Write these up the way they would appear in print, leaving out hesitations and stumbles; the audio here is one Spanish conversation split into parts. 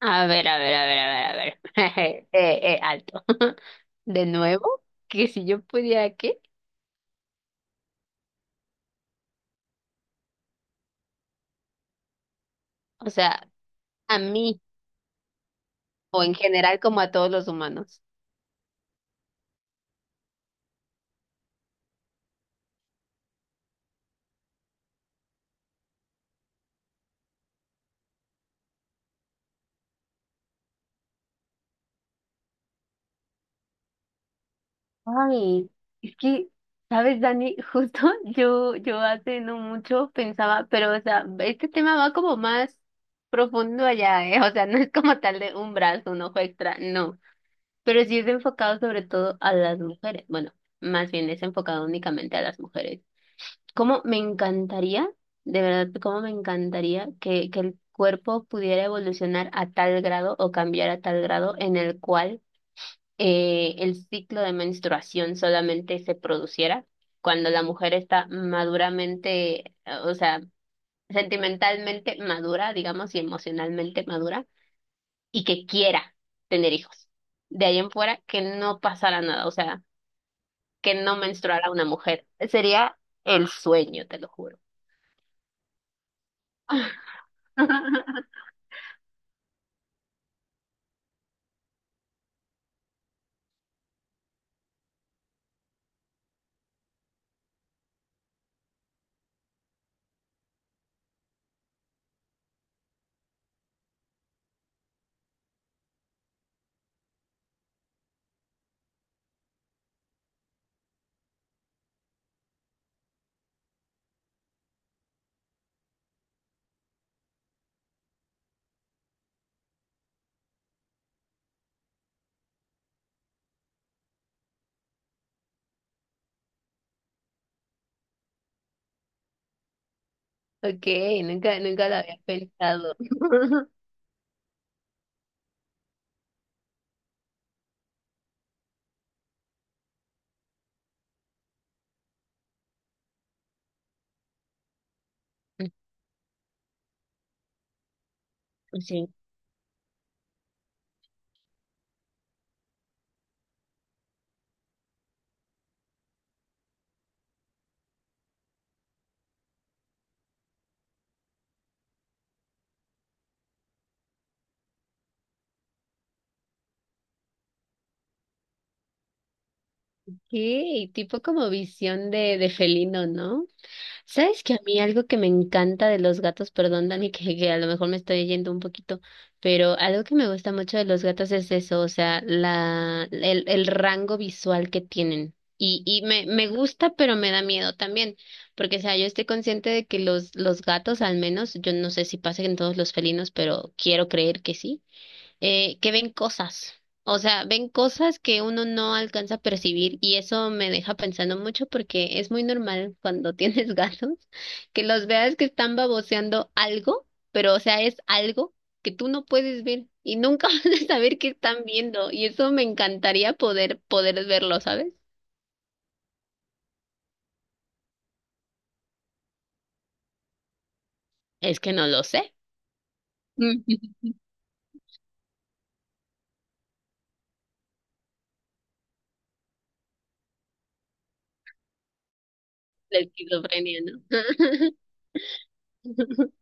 A ver, a ver, a ver, a ver, a ver. Alto. De nuevo, que si yo pudiera, ¿qué? O sea, a mí o en general como a todos los humanos. Ay, es que, ¿sabes, Dani? Justo yo hace no mucho pensaba, pero, o sea, este tema va como más profundo allá, ¿eh? O sea, no es como tal de un brazo, un ojo extra, no. Pero sí es enfocado sobre todo a las mujeres. Bueno, más bien es enfocado únicamente a las mujeres. Cómo me encantaría, de verdad, cómo me encantaría que el cuerpo pudiera evolucionar a tal grado o cambiar a tal grado en el cual el ciclo de menstruación solamente se produciera cuando la mujer está maduramente, o sea, sentimentalmente madura, digamos, y emocionalmente madura, y que quiera tener hijos. De ahí en fuera, que no pasara nada, o sea, que no menstruara una mujer. Sería el sueño, te lo juro. Ok, nunca, nunca lo había pensado. Sí. Ok, tipo como visión de felino, ¿no? ¿Sabes que a mí algo que me encanta de los gatos, perdón Dani, que a lo mejor me estoy yendo un poquito, pero algo que me gusta mucho de los gatos es eso? O sea, la, el rango visual que tienen. Y me, me gusta, pero me da miedo también, porque, o sea, yo estoy consciente de que los gatos, al menos, yo no sé si pasa en todos los felinos, pero quiero creer que sí. Que ven cosas, o sea, ven cosas que uno no alcanza a percibir, y eso me deja pensando mucho porque es muy normal cuando tienes gatos que los veas que están baboseando algo, pero o sea, es algo que tú no puedes ver y nunca vas a saber qué están viendo, y eso me encantaría poder verlo, ¿sabes? Es que no lo sé. La esquizofrenia, ¿no?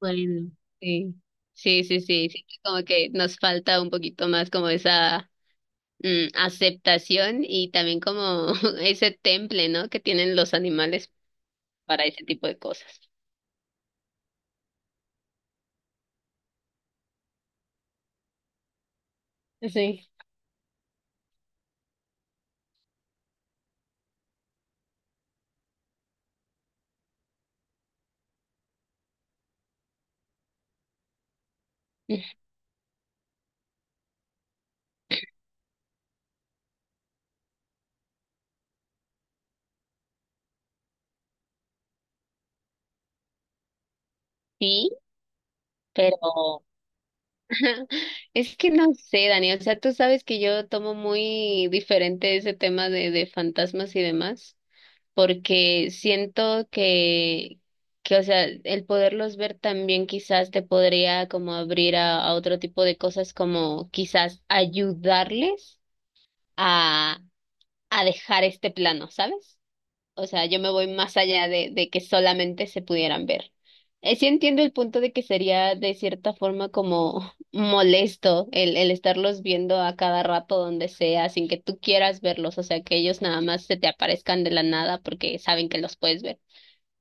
Bueno, sí. Sí, sí, sí, siento como que nos falta un poquito más como esa aceptación, y también como ese temple, ¿no? Que tienen los animales para ese tipo de cosas. Sí. Sí, pero es que no sé, Dani, o sea, tú sabes que yo tomo muy diferente ese tema de fantasmas y demás, porque siento que, o sea, el poderlos ver también quizás te podría como abrir a otro tipo de cosas, como quizás ayudarles a dejar este plano, ¿sabes? O sea, yo me voy más allá de que solamente se pudieran ver. Sí entiendo el punto de que sería de cierta forma como molesto el estarlos viendo a cada rato donde sea, sin que tú quieras verlos, o sea, que ellos nada más se te aparezcan de la nada porque saben que los puedes ver,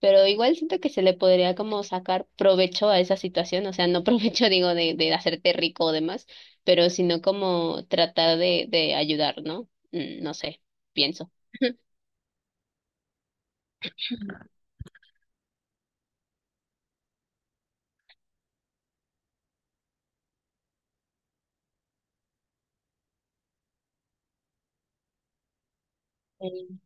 pero igual siento que se le podría como sacar provecho a esa situación, o sea, no provecho digo de hacerte rico o demás, pero sino como tratar de ayudar, ¿no? No sé, pienso. En-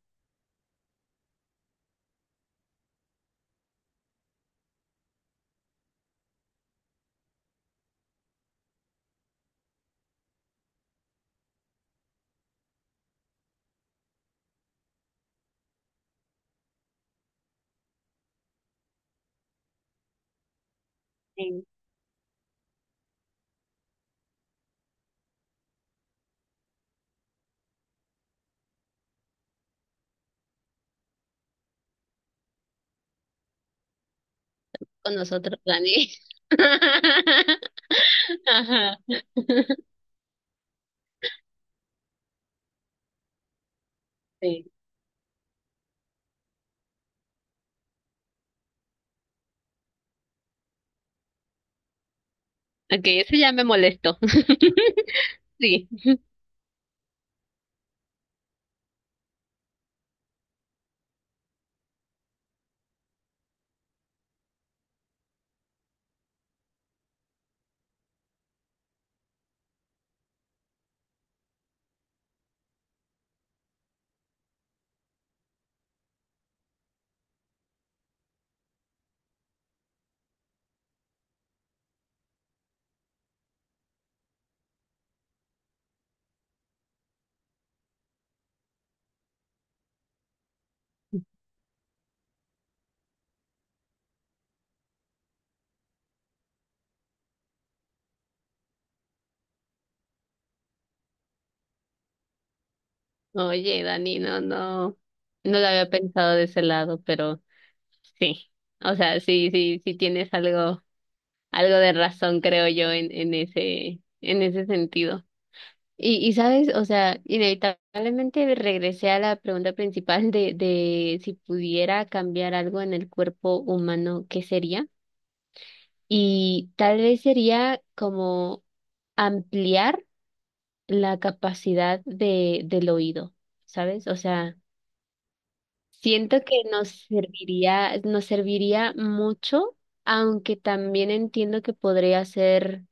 en- Con nosotros, Dani. Ajá. Sí. Ok, eso ya me molestó. Sí. Oye, Dani, no, no, no lo había pensado de ese lado, pero sí. O sea, sí, sí, sí tienes algo. Algo de razón, creo yo, en ese sentido. Y sabes, o sea, inevitablemente regresé a la pregunta principal de si pudiera cambiar algo en el cuerpo humano, ¿qué sería? Y tal vez sería como ampliar la capacidad de, del oído, ¿sabes? O sea, siento que nos serviría mucho, aunque también entiendo que podría ser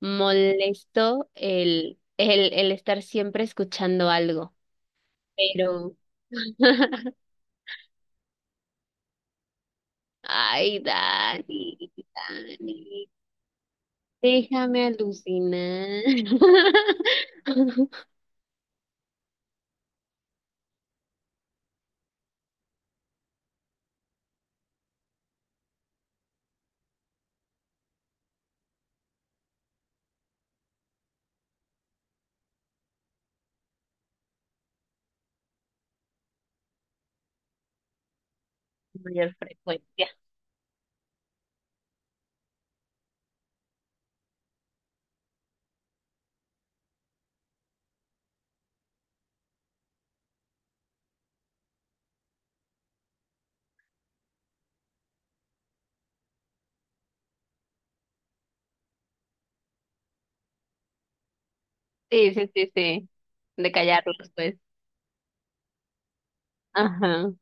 molesto el estar siempre escuchando algo. Pero, ay, Dani, Dani, déjame alucinar. Mayor frecuencia. Sí, sí, sí, sí. De callarlos, pues. Ajá.